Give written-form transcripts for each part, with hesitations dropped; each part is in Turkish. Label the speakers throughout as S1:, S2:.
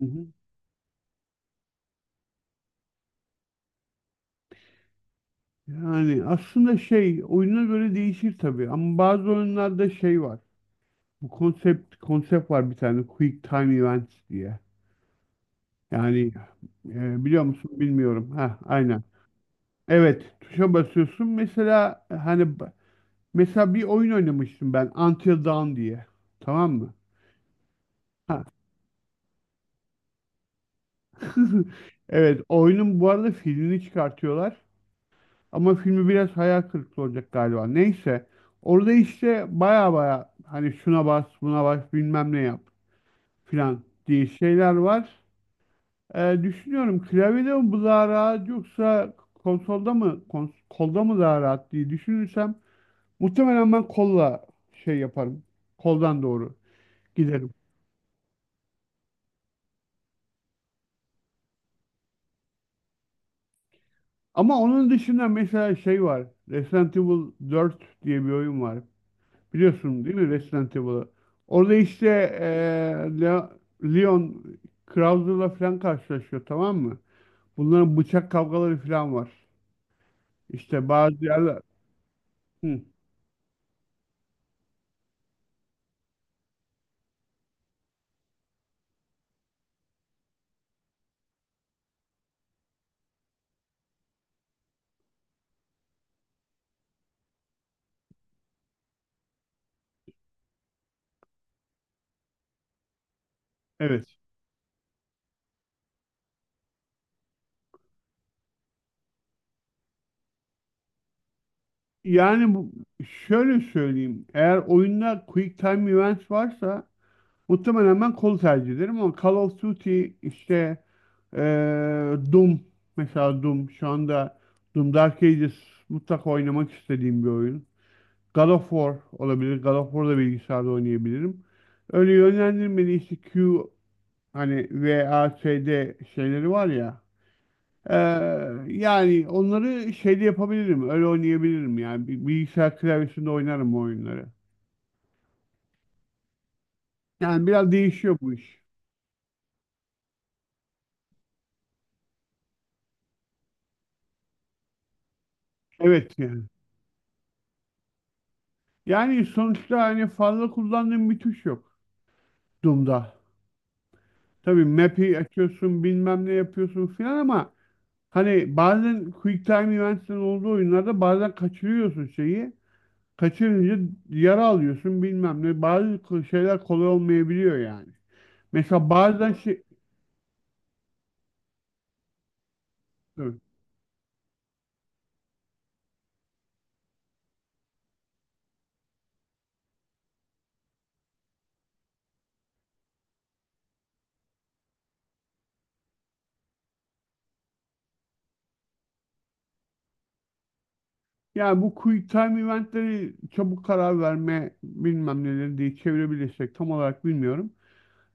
S1: Hı hı. Yani aslında şey oyuna göre değişir tabii ama bazı oyunlarda şey var. Bu konsept var bir tane Quick Time Events diye. Yani biliyor musun bilmiyorum. Ha aynen. Evet, tuşa basıyorsun. Mesela hani mesela bir oyun oynamıştım ben Until Dawn diye. Tamam mı? Ha. Evet, oyunun bu arada filmini çıkartıyorlar. Ama filmi biraz hayal kırıklığı olacak galiba. Neyse. Orada işte baya baya hani şuna bas, buna bas, bilmem ne yap filan diye şeyler var. Düşünüyorum klavyede mi bu daha rahat yoksa konsolda mı kolda mı daha rahat diye düşünürsem muhtemelen ben kolla şey yaparım. Koldan doğru giderim. Ama onun dışında mesela şey var. Resident Evil 4 diye bir oyun var. Biliyorsun değil mi Resident Evil'ı? Orada işte eee, Le- Leon Krauser'la falan karşılaşıyor tamam mı? Bunların bıçak kavgaları falan var. İşte bazı yerler... Hı, evet. Yani bu, şöyle söyleyeyim. Eğer oyunda Quick Time Events varsa muhtemelen ben kol tercih ederim ama Call of Duty işte eee Doom mesela Doom şu anda Doom Dark Ages mutlaka oynamak istediğim bir oyun. God of War olabilir. God of War'da bilgisayarda oynayabilirim. Öyle yönlendirmeli işte hani VASD şeyleri var ya. Ee, Yani onları şeyde yapabilirim. Öyle oynayabilirim yani. Bilgisayar klavyesinde oynarım o oyunları. Yani biraz değişiyor bu iş. Evet yani. Yani sonuçta hani fazla kullandığım bir tuş yok Doom'da. Tabii map'i açıyorsun bilmem ne yapıyorsun filan ama hani bazen QuickTime Events'in olduğu oyunlarda bazen kaçırıyorsun şeyi. Kaçırınca yara alıyorsun bilmem ne. Bazı şeyler kolay olmayabiliyor yani. Mesela bazen şey, evet. Yani bu quick time eventleri çabuk karar verme bilmem neleri diye çevirebilirsek tam olarak bilmiyorum.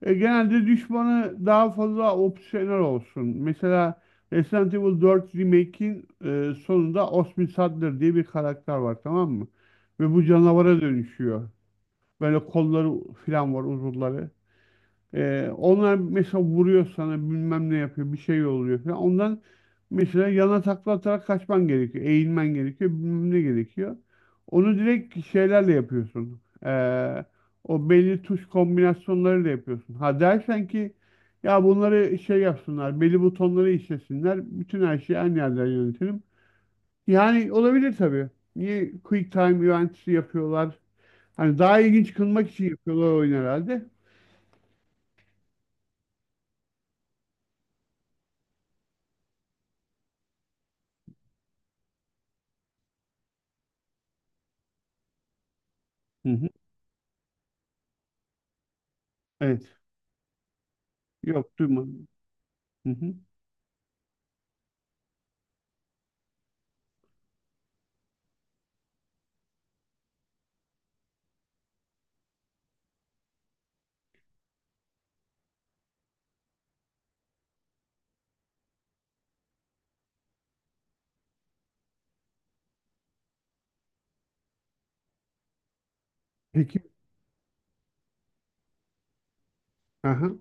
S1: Genelde düşmanı daha fazla opsiyonel olsun. Mesela Resident Evil 4 Remake'in sonunda Osmin Saddler diye bir karakter var tamam mı? Ve bu canavara dönüşüyor. Böyle kolları falan var uzuvları. Onlar mesela vuruyor sana bilmem ne yapıyor bir şey oluyor falan. Ondan mesela yana takla atarak kaçman gerekiyor. Eğilmen gerekiyor bilmem ne gerekiyor. Onu direkt şeylerle yapıyorsun. O belli tuş kombinasyonlarıyla yapıyorsun. Ha dersen ki ya bunları şey yapsınlar belli butonları işlesinler. Bütün her şeyi aynı yerden yönetelim. Yani olabilir tabii. Niye quick time eventsi yapıyorlar? Hani daha ilginç kılmak için yapıyorlar oyun herhalde. Hı hı. Evet. Yok, duymadım. Hı hı. Peki, aha.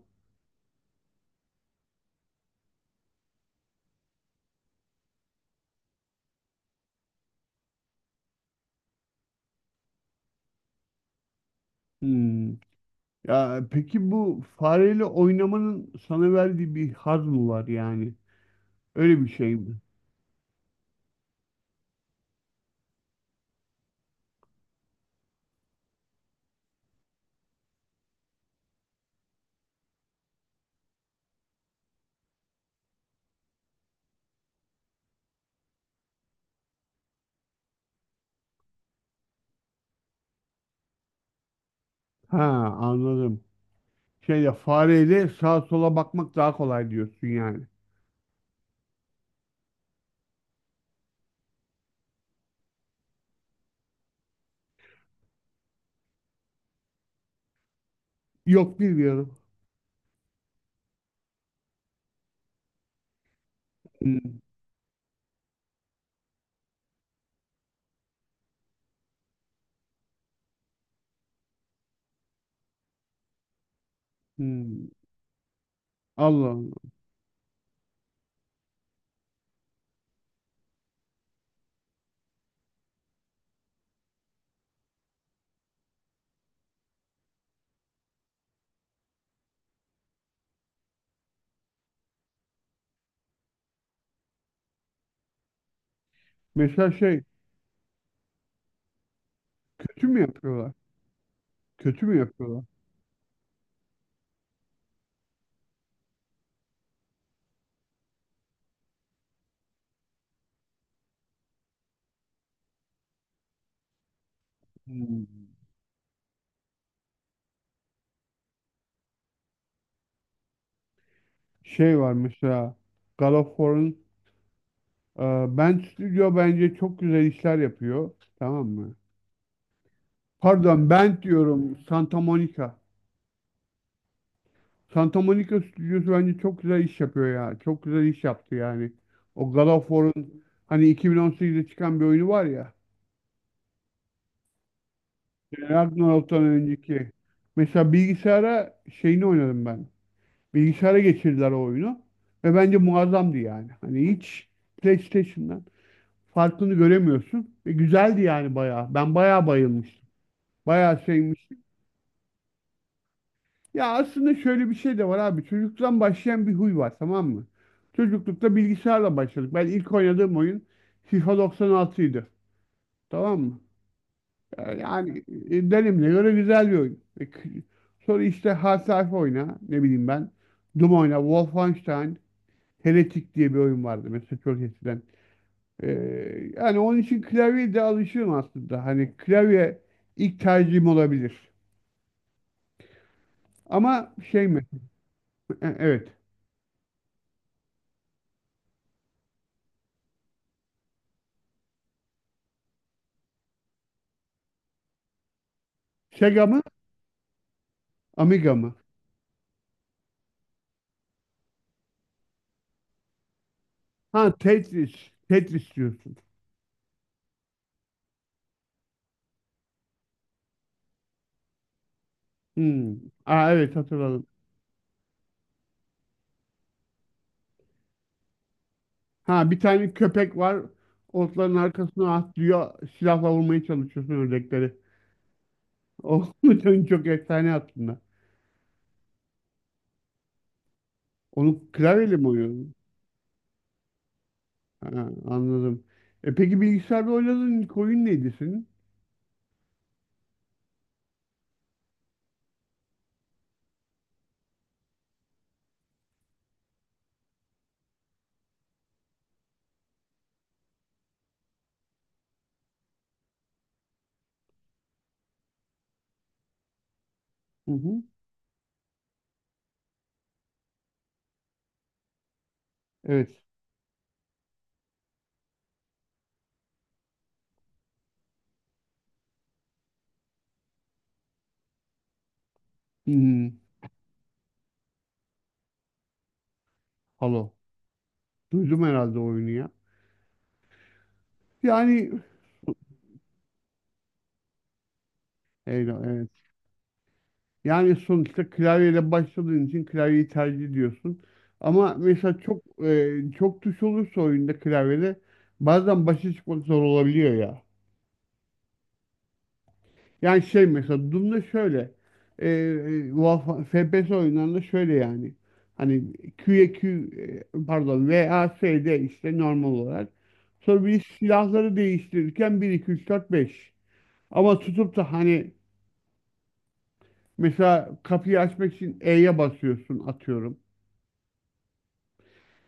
S1: Hmm. Ya peki bu fareyle oynamanın sana verdiği bir haz mı var yani? Öyle bir şey mi? Ha, anladım. Şeyle fareyle sağa sola bakmak daha kolay diyorsun yani. Yok, bilmiyorum. Hmm. Hmm. Allah Allah. Mesela şey kötü mü yapıyorlar? Kötü mü yapıyorlar? Hmm. Şey var mesela Galofor'un e, Bent Studio bence çok güzel işler yapıyor. Tamam mı? Pardon Bent diyorum Santa Monica. Santa Monica stüdyosu bence çok güzel iş yapıyor ya. Çok güzel iş yaptı yani. O Galofor'un hani 2018'de çıkan bir oyunu var ya. Ragnarok'tan önceki. Mesela bilgisayara şeyini oynadım ben. Bilgisayara geçirdiler o oyunu. Ve bence muazzamdı yani. Hani hiç PlayStation'dan. Farkını göremiyorsun. Ve güzeldi yani bayağı. Ben bayağı bayılmıştım. Bayağı sevmiştim. Ya aslında şöyle bir şey de var abi. Çocukluktan başlayan bir huy var tamam mı? Çocuklukta bilgisayarla başladık. Ben ilk oynadığım oyun FIFA 96 idi. Tamam mı? Yani dönemine göre güzel bir oyun. Sonra işte Half-Life oyna. Ne bileyim ben. Doom oyna. Wolfenstein. Heretic diye bir oyun vardı mesela çok eskiden. Ee, Yani onun için klavyeye de alışığım aslında. Hani klavye ilk tercihim olabilir. Ama şey mi? Evet. Sega mı? Amiga mı? Ha, Tetris. Tetris diyorsun. Hmm. Aa, evet hatırladım. Ha, bir tane köpek var. Otların arkasına atlıyor. Silahla vurmaya çalışıyorsun ördekleri. O oyun çok efsane aslında. Onu klavyeyle mi oynuyordun? Ha, anladım. E peki bilgisayarda oynadığın ilk oyun neydi senin? Hı hı. Evet. Hı hı. Halo. Duydum herhalde oyunu ya. Yani eyvah, evet. Yani sonuçta klavyeyle başladığın için klavyeyi tercih ediyorsun. Ama mesela çok tuş olursa oyunda klavyede bazen başa çıkmak zor olabiliyor ya. Yani şey mesela Doom'da şöyle FPS oyunlarında şöyle yani. Hani pardon VASD işte normal olarak. Sonra bir silahları değiştirirken bir 2 3 4 beş. Ama tutup da hani. Mesela kapıyı açmak için E'ye basıyorsun atıyorum.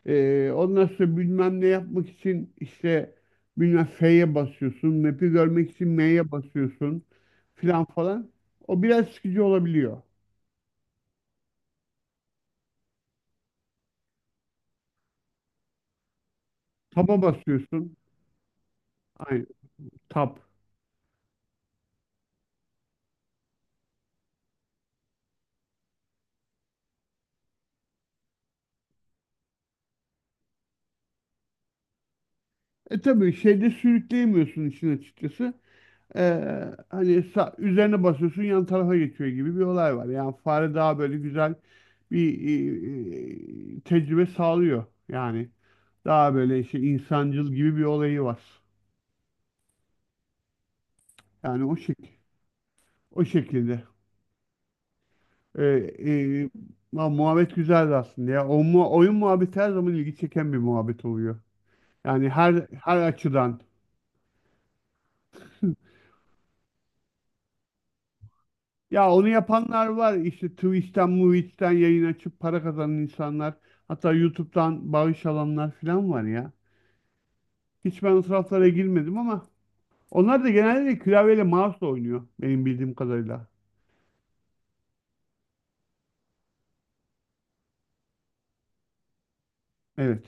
S1: Ondan sonra bilmem ne yapmak için işte bilmem F'ye basıyorsun. Map'i görmek için M'ye basıyorsun filan falan. O biraz sıkıcı olabiliyor. Tab'a basıyorsun. Aynen tab. E tabii şeyde sürükleyemiyorsun işin açıkçası. Ee, hani üzerine basıyorsun yan tarafa geçiyor gibi bir olay var. Yani fare daha böyle güzel bir tecrübe sağlıyor yani. Daha böyle işte insancıl gibi bir olayı var. Yani o şekilde. Ee, e, lan muhabbet güzeldi aslında ya. O mu oyun muhabbeti her zaman ilgi çeken bir muhabbet oluyor. Yani her açıdan. Ya onu yapanlar var. İşte Twitch'ten, Movie'den yayın açıp para kazanan insanlar. Hatta YouTube'dan bağış alanlar falan var ya. Hiç ben o taraflara girmedim ama onlar da genelde klavyeyle mouse'la oynuyor benim bildiğim kadarıyla. Evet.